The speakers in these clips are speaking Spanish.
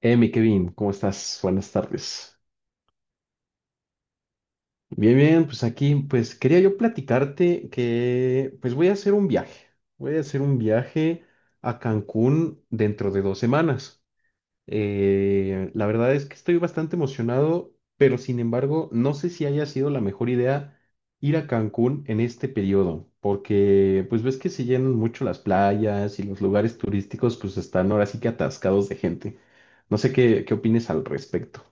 Mi Kevin, ¿cómo estás? Buenas tardes. Bien, bien, pues aquí, pues quería yo platicarte que, pues voy a hacer un viaje. Voy a hacer un viaje a Cancún dentro de 2 semanas. La verdad es que estoy bastante emocionado, pero sin embargo, no sé si haya sido la mejor idea ir a Cancún en este periodo, porque pues ves que se llenan mucho las playas y los lugares turísticos, pues están ahora sí que atascados de gente. No sé qué opines al respecto.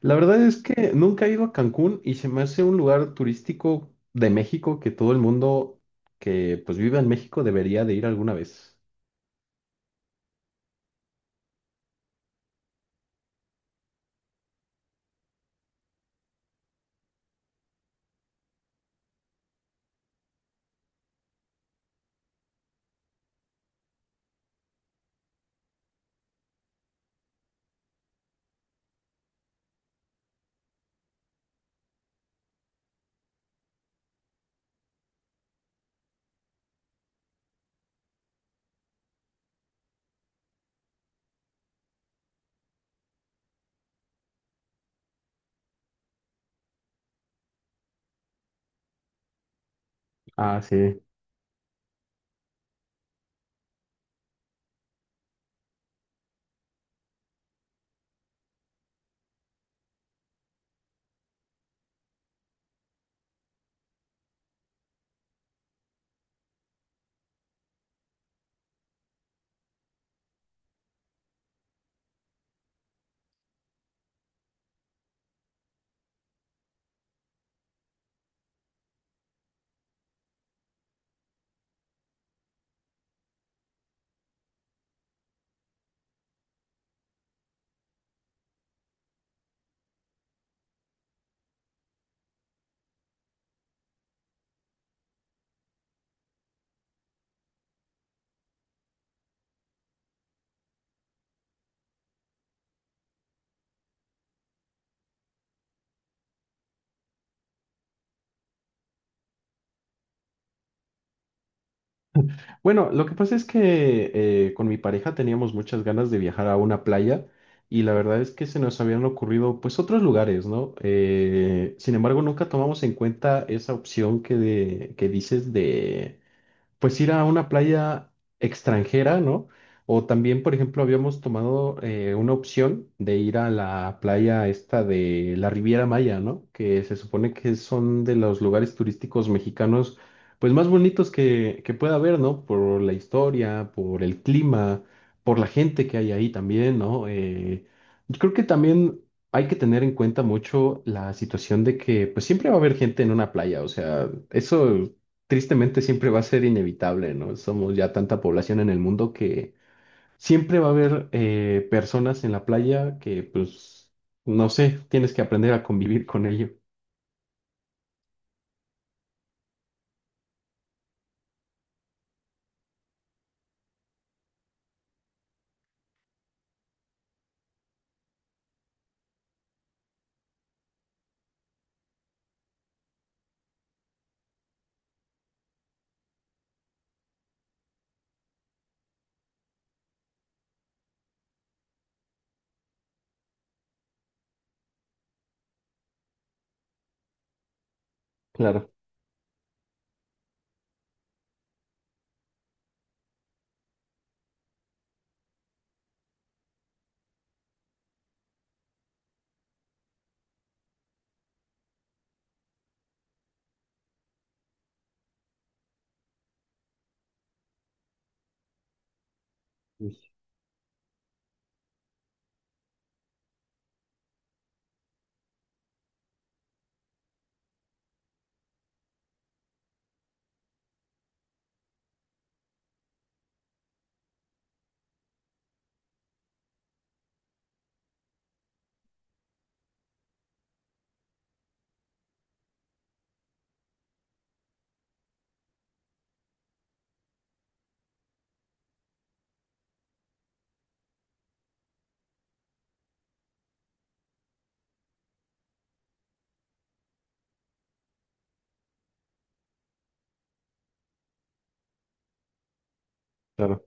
La verdad es que nunca he ido a Cancún y se me hace un lugar turístico de México que todo el mundo que pues vive en México debería de ir alguna vez. Ah, sí. Bueno, lo que pasa es que con mi pareja teníamos muchas ganas de viajar a una playa y la verdad es que se nos habían ocurrido pues otros lugares, ¿no? Sin embargo, nunca tomamos en cuenta esa opción que, que dices de pues ir a una playa extranjera, ¿no? O también, por ejemplo, habíamos tomado una opción de ir a la playa esta de la Riviera Maya, ¿no? Que se supone que son de los lugares turísticos mexicanos, pues más bonitos que pueda haber, ¿no? Por la historia, por el clima, por la gente que hay ahí también, ¿no? Yo creo que también... Hay que tener en cuenta mucho la situación de que pues siempre va a haber gente en una playa, o sea, eso tristemente siempre va a ser inevitable, ¿no? Somos ya tanta población en el mundo que siempre va a haber personas en la playa que, pues, no sé, tienes que aprender a convivir con ello. Claro, sí, claro.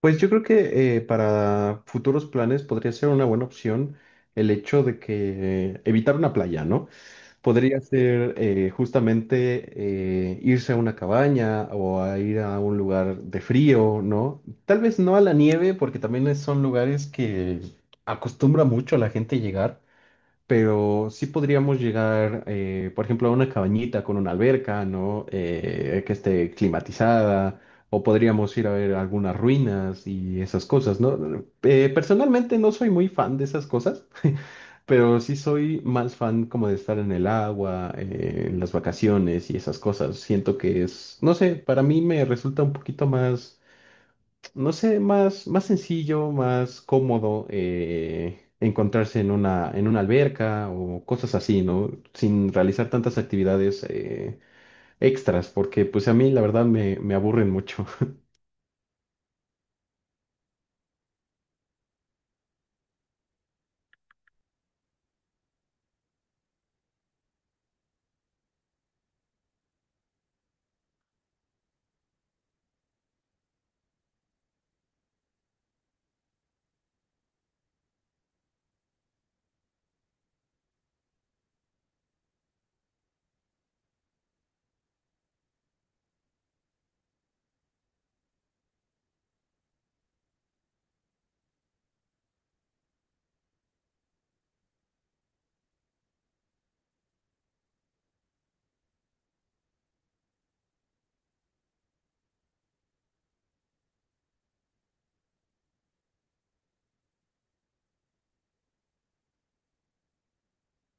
Pues yo creo que para futuros planes podría ser una buena opción el hecho de que evitar una playa, ¿no? Podría ser justamente irse a una cabaña o a ir a un lugar de frío, ¿no? Tal vez no a la nieve, porque también son lugares que acostumbra mucho a la gente llegar, pero sí podríamos llegar, por ejemplo, a una cabañita con una alberca, ¿no? Que esté climatizada, o podríamos ir a ver algunas ruinas y esas cosas, ¿no? Personalmente no soy muy fan de esas cosas, pero sí soy más fan como de estar en el agua, en las vacaciones y esas cosas. Siento que es, no sé, para mí me resulta un poquito más no sé, más, más sencillo, más cómodo encontrarse en una alberca o cosas así, ¿no? Sin realizar tantas actividades extras, porque pues a mí la verdad me aburren mucho.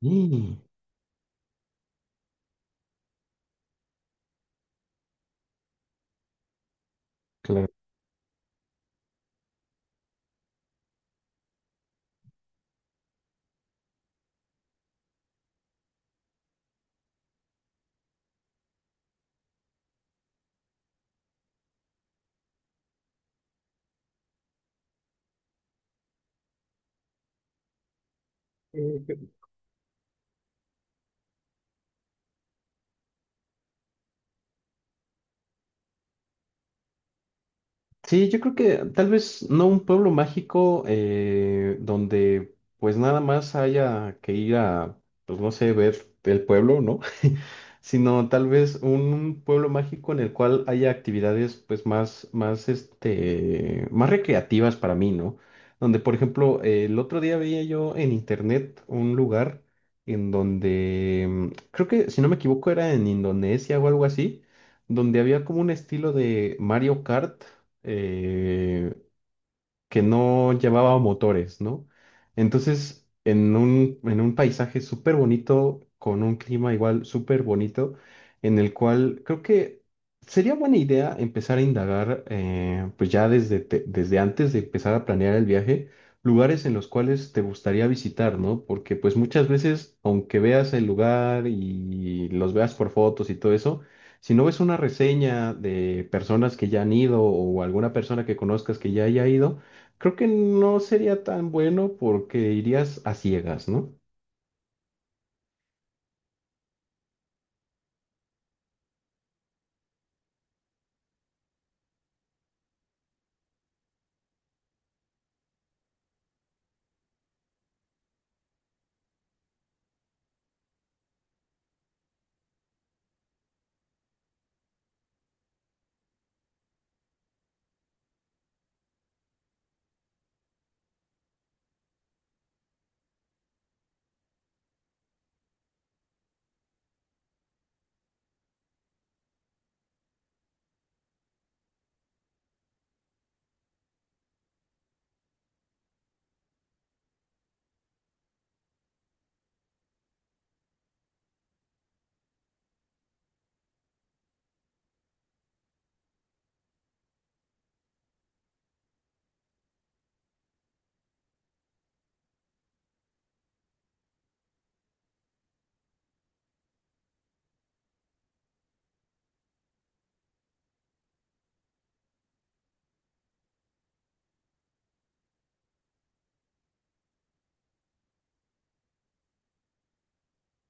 Y, claro. Sí, yo creo que tal vez no un pueblo mágico donde pues nada más haya que ir a, pues no sé, ver el pueblo, ¿no? Sino tal vez un pueblo mágico en el cual haya actividades pues más, más, este, más recreativas para mí, ¿no? Donde, por ejemplo, el otro día veía yo en internet un lugar en donde, creo que si no me equivoco era en Indonesia o algo así, donde había como un estilo de Mario Kart eh, que no llevaba motores, ¿no? Entonces, en un paisaje súper bonito, con un clima igual súper bonito, en el cual creo que sería buena idea empezar a indagar, pues ya desde, desde antes de empezar a planear el viaje, lugares en los cuales te gustaría visitar, ¿no? Porque pues muchas veces, aunque veas el lugar y los veas por fotos y todo eso, si no ves una reseña de personas que ya han ido o alguna persona que conozcas que ya haya ido, creo que no sería tan bueno porque irías a ciegas, ¿no?